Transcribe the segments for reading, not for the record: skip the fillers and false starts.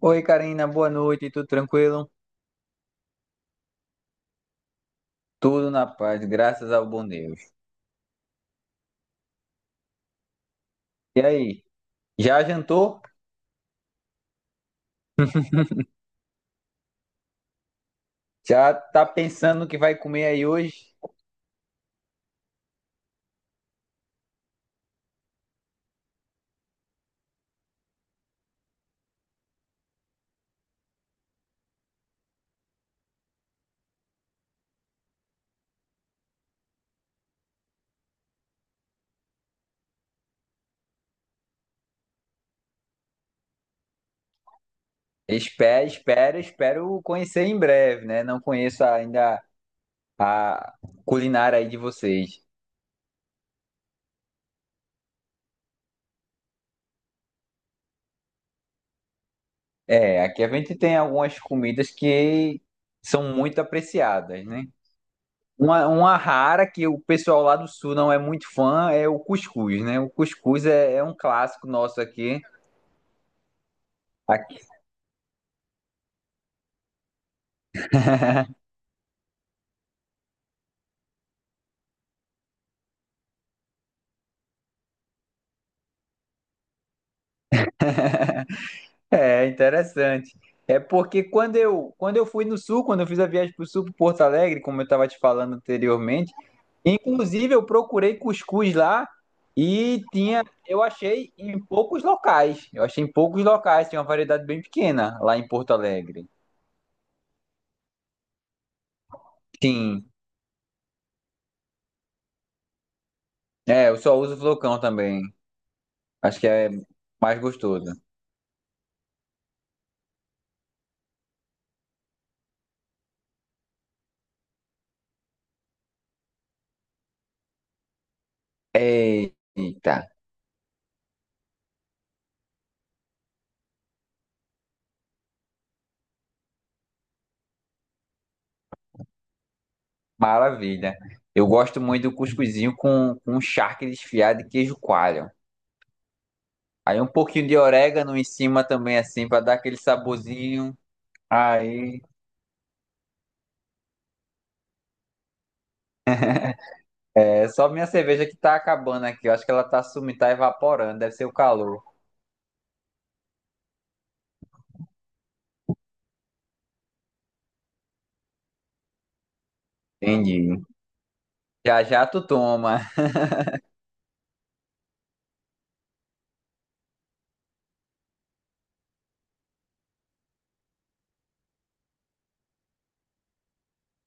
Oi, Karina, boa noite, tudo tranquilo? Tudo na paz, graças ao bom Deus. E aí, já jantou? Já tá pensando no que vai comer aí hoje? Espero conhecer em breve, né? Não conheço ainda a culinária aí de vocês. É, aqui a gente tem algumas comidas que são muito apreciadas, né? Uma rara que o pessoal lá do sul não é muito fã é o cuscuz, né? O cuscuz é um clássico nosso aqui. É interessante. É porque quando eu fui no sul, quando eu fiz a viagem para o sul, para Porto Alegre, como eu estava te falando anteriormente, inclusive eu procurei cuscuz lá e tinha, eu achei em poucos locais. Eu achei em poucos locais, tinha uma variedade bem pequena lá em Porto Alegre. Sim, é, eu só uso flocão também. Acho que é mais gostoso. Eita, maravilha. Eu gosto muito do cuscuzinho com charque desfiado e queijo coalho. Aí um pouquinho de orégano em cima também, assim, pra dar aquele saborzinho. Aí, é só minha cerveja que tá acabando aqui. Eu acho que ela tá sumindo, tá evaporando, deve ser o calor. Entendi. Já já tu toma.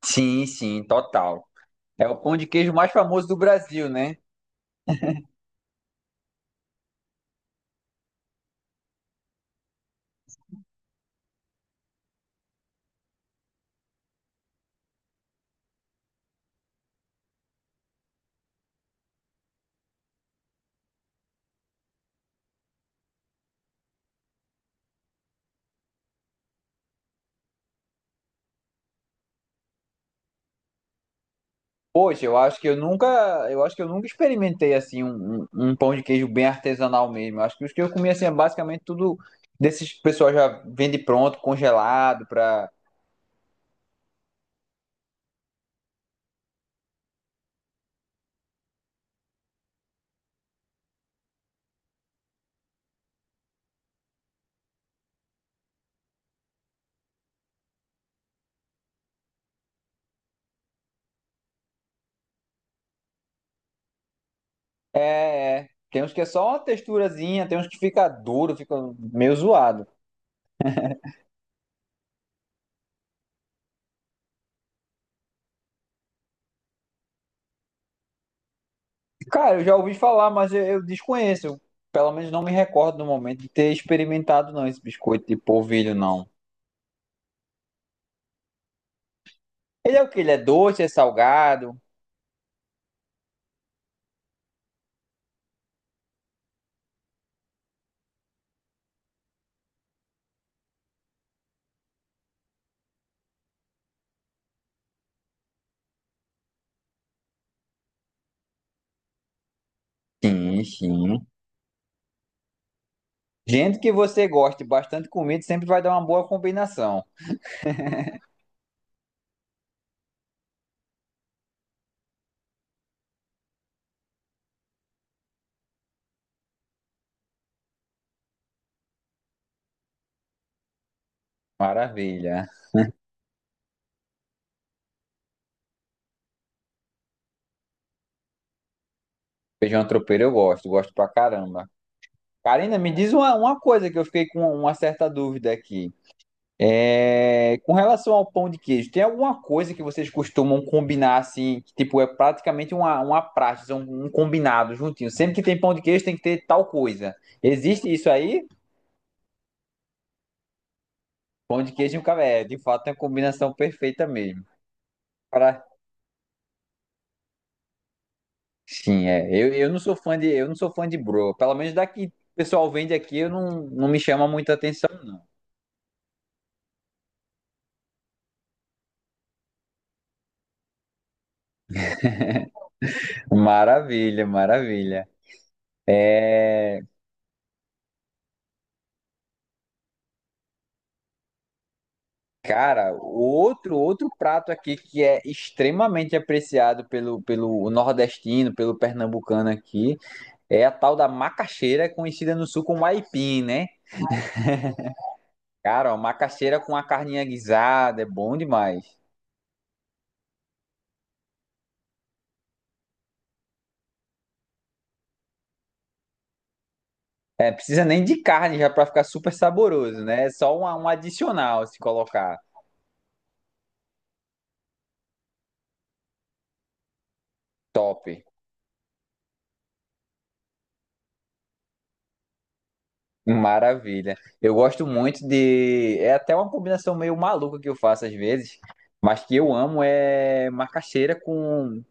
Sim, sim, total. É o pão de queijo mais famoso do Brasil, né? Poxa, eu acho que eu nunca experimentei assim um pão de queijo bem artesanal mesmo. Eu acho que os que eu comi assim é basicamente tudo desses pessoal já vende pronto, congelado, para é, é. Tem uns que é só uma texturazinha, tem uns que fica duro, fica meio zoado. Cara, eu já ouvi falar, mas eu desconheço. Eu, pelo menos não me recordo no momento de ter experimentado não esse biscoito de polvilho, não. Ele é o que Ele é doce, é salgado? Sim, sim. Gente que você goste bastante comida sempre vai dar uma boa combinação. Maravilha. Feijão tropeiro eu gosto, gosto pra caramba. Karina, me diz uma coisa que eu fiquei com uma certa dúvida aqui. É, com relação ao pão de queijo, tem alguma coisa que vocês costumam combinar assim, que, tipo, é praticamente uma prática, um combinado juntinho. Sempre que tem pão de queijo tem que ter tal coisa. Existe isso aí? Pão de queijo e um café, é, de fato é uma combinação perfeita mesmo. Para sim, é. Eu não sou fã de bro, pelo menos daqui o pessoal vende aqui, eu não, não me chama muita atenção. Maravilha, maravilha. É, cara, outro prato aqui que é extremamente apreciado pelo, pelo nordestino, pelo pernambucano aqui, é a tal da macaxeira, conhecida no sul como aipim, né? Cara, ó, macaxeira com a carninha guisada, é bom demais. É, precisa nem de carne já para ficar super saboroso, né? É só um adicional se colocar. Top. Maravilha. Eu gosto muito de. É até uma combinação meio maluca que eu faço às vezes. Mas que eu amo é macaxeira com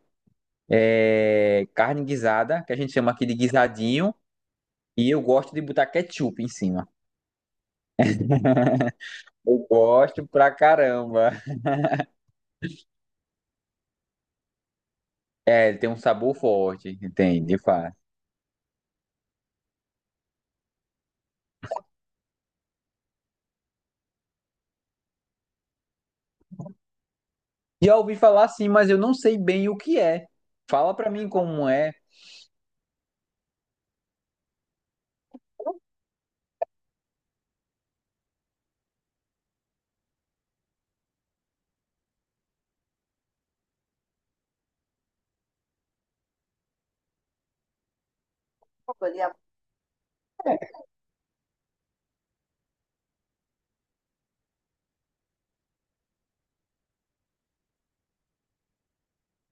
é, carne guisada, que a gente chama aqui de guisadinho, e eu gosto de botar ketchup em cima. Eu gosto pra caramba. É, ele tem um sabor forte, tem, de fato. Já ouvi falar sim, mas eu não sei bem o que é. Fala pra mim como é.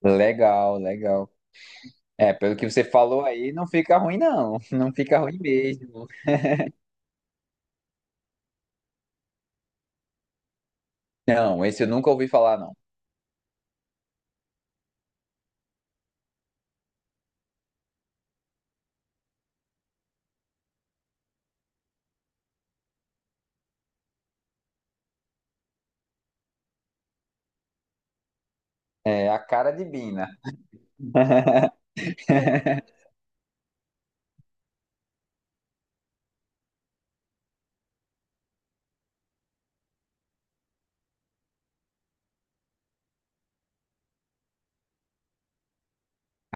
Legal, legal. É, pelo que você falou aí, não fica ruim, não. Não fica ruim mesmo. Não, esse eu nunca ouvi falar, não. É a cara de Bina.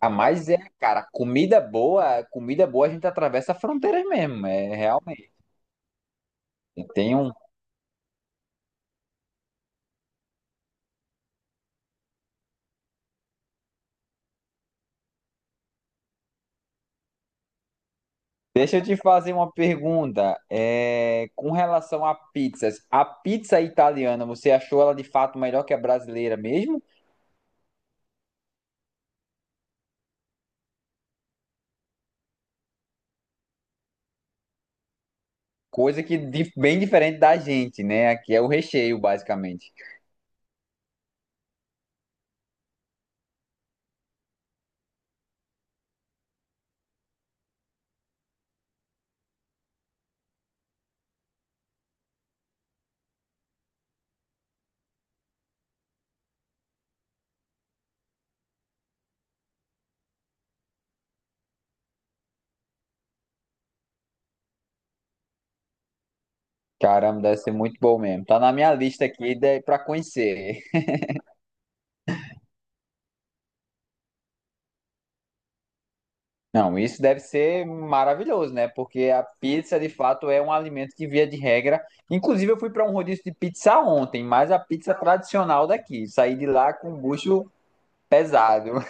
Ah, mas é, cara, comida boa a gente atravessa fronteiras mesmo. É realmente. E tem um. Deixa eu te fazer uma pergunta. É, com relação a pizzas, a pizza italiana, você achou ela de fato melhor que a brasileira mesmo? Coisa que di- bem diferente da gente, né? Aqui é o recheio, basicamente. Caramba, deve ser muito bom mesmo. Tá na minha lista aqui de, pra conhecer. Não, isso deve ser maravilhoso, né? Porque a pizza, de fato, é um alimento que, via de regra. Inclusive, eu fui para um rodízio de pizza ontem, mas a pizza tradicional daqui. Saí de lá com o bucho pesado.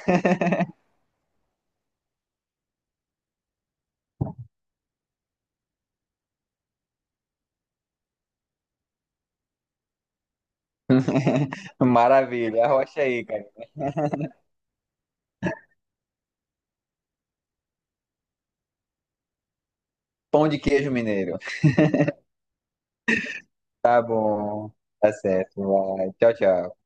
Maravilha, arrocha aí, cara. Pão de queijo mineiro. Tá bom, tá certo, vai. Tchau, tchau.